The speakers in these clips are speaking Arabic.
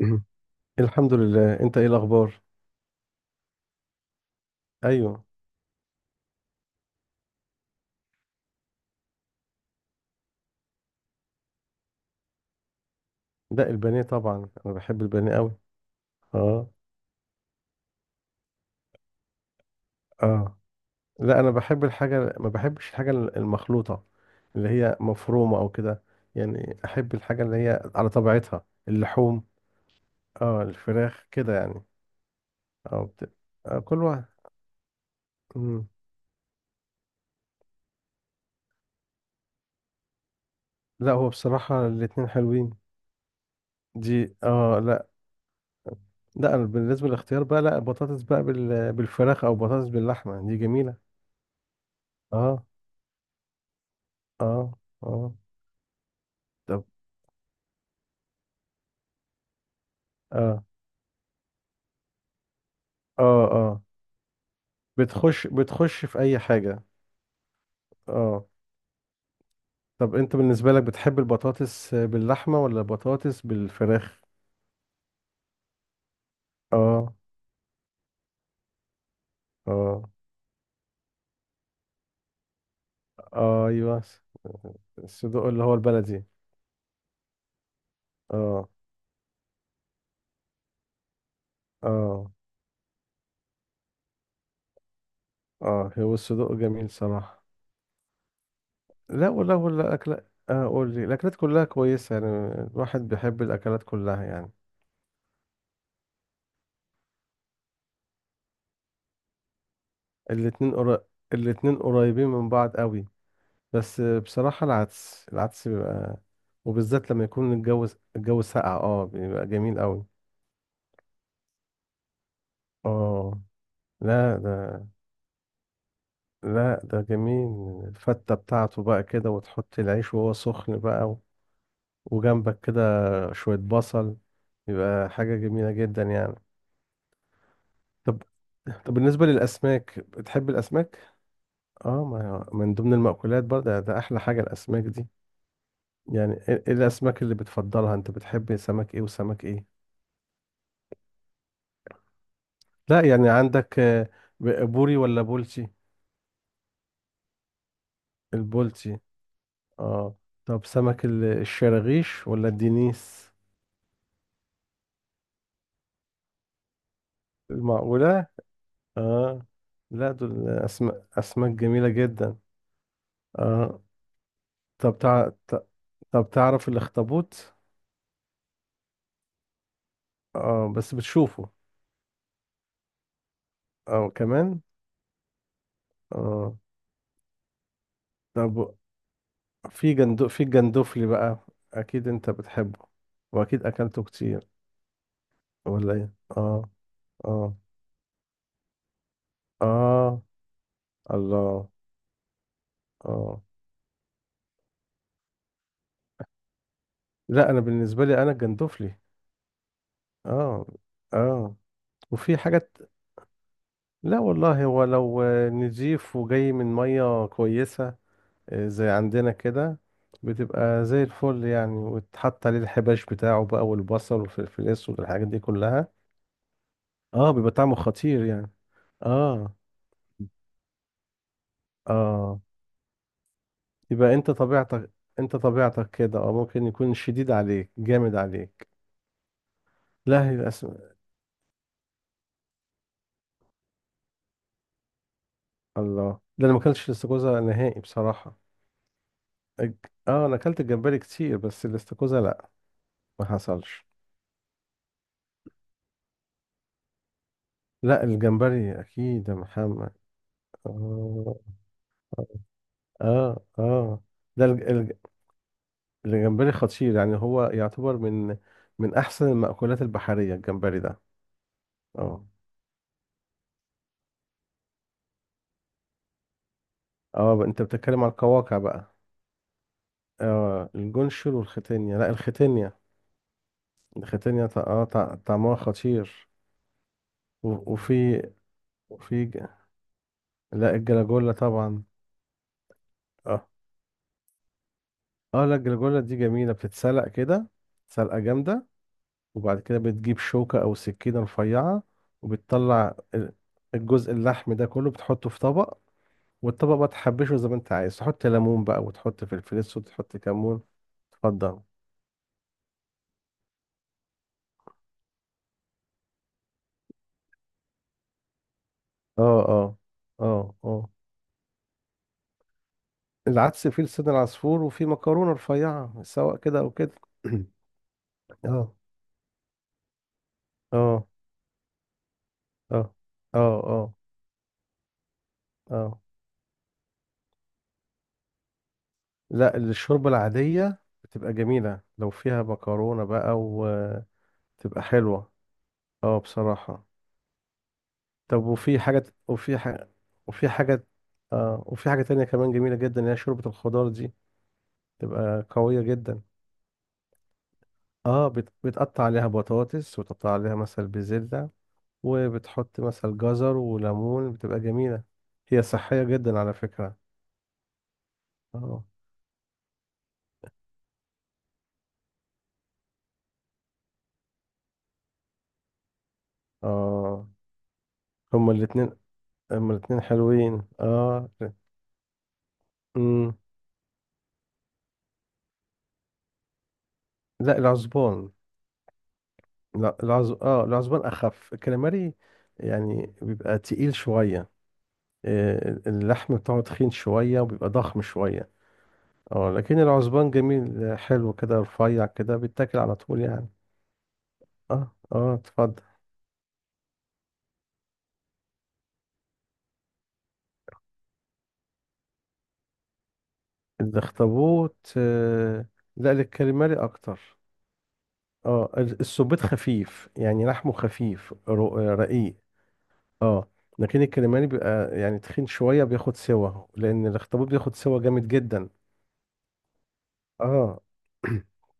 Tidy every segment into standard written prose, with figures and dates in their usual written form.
مهم. الحمد لله، انت ايه الاخبار؟ ايوه. لا، البانيه طبعا، انا بحب البانيه قوي. اه، اه. لا، انا بحب الحاجه، ما بحبش الحاجه المخلوطه، اللي هي مفرومه او كده. يعني احب الحاجه اللي هي على طبيعتها، اللحوم. اه، الفراخ كده يعني. اه، كل واحد. مم. لا، هو بصراحه الاتنين حلوين. دي اه لا. لا، أنا بالنسبه للاختيار بقى، لا بطاطس بقى بالفراخ، او بطاطس باللحمه، دي جميله. اه، اه، اه. طب. اه، اه، اه، بتخش في اي حاجة. اه. طب انت بالنسبة لك، بتحب البطاطس باللحمة ولا البطاطس بالفراخ؟ اه، اه، ايوه. الصدوق اللي هو البلدي. اه، اه، اه. هو الصدوق جميل صراحة. لا، ولا، ولا اكل. قول لي، الاكلات كلها كويسة يعني. الواحد بيحب الاكلات كلها يعني. الاتنين قرا... الاتنين قريبين من بعض قوي. بس بصراحة العدس بيبقى، وبالذات لما يكون الجو، الجو ساقع، بيبقى جميل قوي. اه. لا ده. لا، ده جميل. الفتة بتاعته بقى كده، وتحط العيش وهو سخن بقى، وجنبك كده، شوية بصل، بيبقى حاجة جميلة جدا يعني. طب. طب بالنسبة للأسماك، بتحب الأسماك؟ اه، ما من ضمن المأكولات برضه، ده أحلى حاجة الأسماك دي. يعني إيه الأسماك اللي بتفضلها؟ أنت بتحب سمك إيه وسمك إيه؟ لا يعني عندك، بوري ولا بولتي؟ البولتي. اه. طب سمك الشراغيش ولا الدنيس؟ المعقولة. اه. لا، دول أسماك، أسماك جميلة جدا. اه. طب طب تعرف الاخطبوط؟ اه، بس بتشوفه. اه، كمان. اه. طب. في الجندوفلي بقى، أكيد أنت بتحبه، وأكيد أكلته كتير. ولا إيه؟ اه، اه، اه. الله. اه. لا، انا بالنسبه لي، انا الجندفلي. اه، اه. وفي حاجات. لا والله، هو لو نضيف وجاي من ميه كويسه، زي عندنا كده، بتبقى زي الفل يعني، وتحط عليه الحباش بتاعه بقى، والبصل والفلفل الاسود والحاجات دي كلها، اه، بيبقى طعمه خطير يعني. اه، اه. يبقى انت طبيعتك. انت طبيعتك كده، اه، ممكن يكون شديد عليك، جامد عليك. لا هي الأسم... الله، ده انا ما اكلتش الاستاكوزا نهائي بصراحه. انا اكلت الجمبري كتير، بس الاستاكوزا لا، ما حصلش. لا، الجمبري اكيد يا محمد. اه، اه، اه. ده الج- الج- الجمبري خطير يعني، هو يعتبر من، من احسن المأكولات البحرية الجمبري ده. اه. اه بقى، انت بتتكلم عن القواقع بقى. اه الجونشر والختانية، لا الختانية. الختانية طعمها خطير. و- وفي وفي ج- لا الجلاجولا طبعا. اه، اه. لا الجلاجولا دي جميلة، بتتسلق كده، سلقة جامدة، وبعد كده بتجيب شوكة أو سكينة رفيعة، وبتطلع الجزء اللحم ده كله، بتحطه في طبق، والطبق بقى تحبشه زي ما انت عايز، تحط ليمون بقى، وتحط فلفل اسود، وتحط كمون. اتفضل. اه، اه، اه، اه. العدس فيه لسان العصفور، وفيه مكرونة رفيعة، سواء كده أو كده. اه، اه، اه، اه، اه، اه. لا، الشوربة العادية بتبقى جميلة لو فيها مكرونة بقى، تبقى حلوة. اه بصراحة. طب، وفي حاجة، وفي حاجة، آه، وفي حاجة تانية كمان جميلة جدا، اللي هي شوربة الخضار دي، تبقى قوية جدا. اه، بتقطع عليها بطاطس، وتقطع عليها مثلا بزلة، وبتحط مثلا جزر وليمون، بتبقى جميلة. هي صحية جدا على فكرة. اه، اه. هما الاتنين. هما الاتنين حلوين، اه. امم لا العزبان. لا العزبان اخف الكلاماري، يعني بيبقى تقيل شوية، اللحم بتاعه تخين شوية، وبيبقى ضخم شوية. اه، لكن العزبان جميل، حلو كده، رفيع كده، بيتاكل على طول يعني. اه، اه. اتفضل. الاخطبوط، لا الكاليماري اكتر. اه، السبيط خفيف يعني، لحمه خفيف، رقيق. اه، لكن الكاليماري بيبقى يعني تخين شوية، بياخد سوا، لأن الاخطبوط بياخد سوا جامد جدا. اه.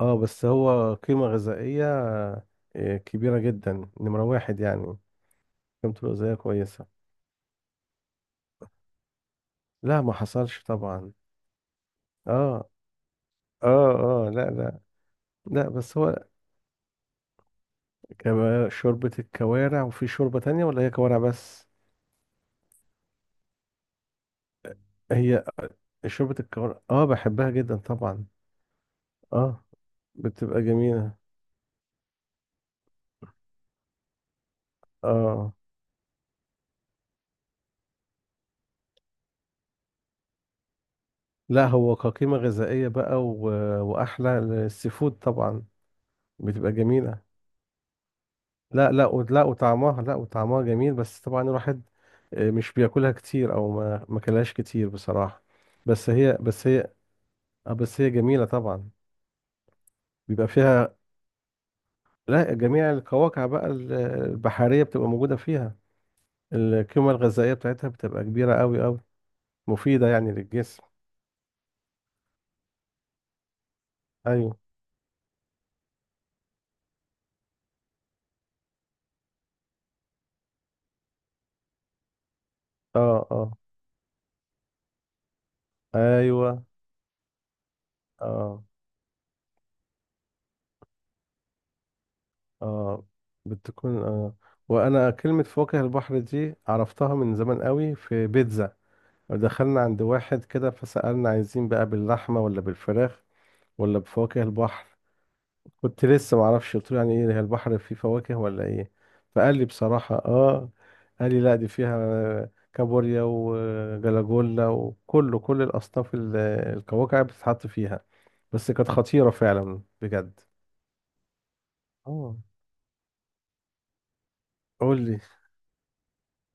اه، بس هو قيمة غذائية، كبيرة جدا، نمرة واحد يعني. قيمته الغذائية كويسة. لا، ما حصلش طبعا. اه، اه، اه. لا، لا. لا، بس هو، شوربة الكوارع، وفي شوربة تانية ولا هي كوارع بس؟ هي شوربة الكوارع، اه بحبها جدا طبعا. اه، بتبقى جميلة. اه لا، هو كقيمة غذائية بقى، وأحلى السي فود طبعا، بتبقى جميلة. لا، لا، لا وطعمها جميل، بس طبعا الواحد، مش بياكلها كتير، أو ما كلهاش كتير بصراحة. بس هي، اه بس هي جميلة طبعا، بيبقى فيها، لا جميع القواقع بقى البحرية بتبقى موجودة فيها. القيمة الغذائية بتاعتها بتبقى كبيرة أوي أوي، مفيدة يعني للجسم. أيوه. اه، اه. أيوه. اه، اه، بتكون اه. وأنا كلمة فواكه البحر دي عرفتها من زمان أوي، في بيتزا دخلنا عند واحد كده، فسألنا عايزين بقى باللحمة ولا بالفراخ ولا بفواكه البحر؟ كنت لسه ما اعرفش، قلت له يعني ايه، هي البحر فيه فواكه ولا ايه؟ فقال لي بصراحة، اه قال لي، لا دي فيها كابوريا وجلاجولا وكله، كل الاصناف الكواكع بتتحط فيها. بس كانت خطيرة فعلا بجد. اه قول لي.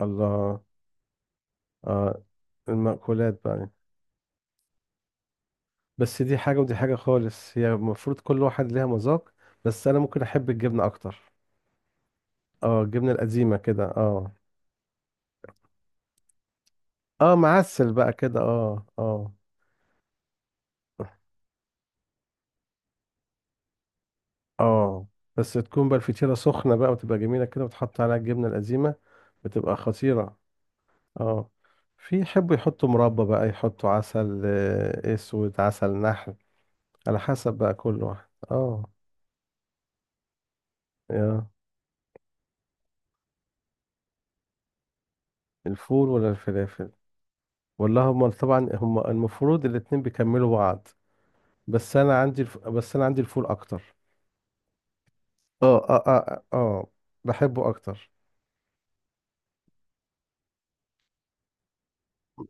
الله. آه المأكولات بقى. بس دي حاجة، ودي حاجة خالص، هي المفروض كل واحد ليها مذاق. بس أنا ممكن أحب الجبنة أكتر. اه، الجبنة القديمة كده، اه. اه معسل بقى كده، اه، اه. اه بس تكون بقى الفطيرة سخنة بقى، وتبقى جميلة كده، وتحط عليها الجبنة القزيمة، بتبقى خطيرة. اه. في يحبوا يحطوا مربى بقى، يحطوا عسل، اسود، عسل نحل، على حسب بقى كل واحد. اه. يا الفول ولا الفلافل؟ ولا هما طبعا، المفروض الاتنين بيكملوا بعض. بس انا عندي الفول اكتر. اه، اه، اه، اه، بحبه اكتر.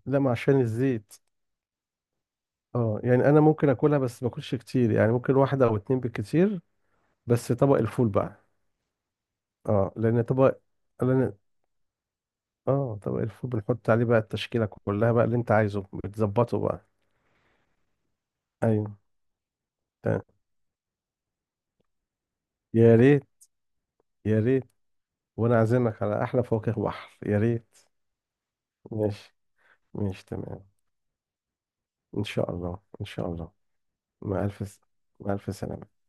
لا، ما عشان الزيت. اه، يعني انا ممكن اكلها بس ما اكلش كتير، يعني ممكن واحدة او اتنين بالكتير. بس طبق الفول بقى. اه لان طبق لان، اه طبق الفول بنحط عليه بقى التشكيلة كلها بقى اللي انت عايزه، بتظبطه بقى. ايوه. تمام. يا ريت. يا ريت، وانا عازمك على احلى فواكه بحر، يا ريت. ماشي. ماشي تمام. ان شاء الله، ان شاء الله. مع الف س- مع الف سلامة.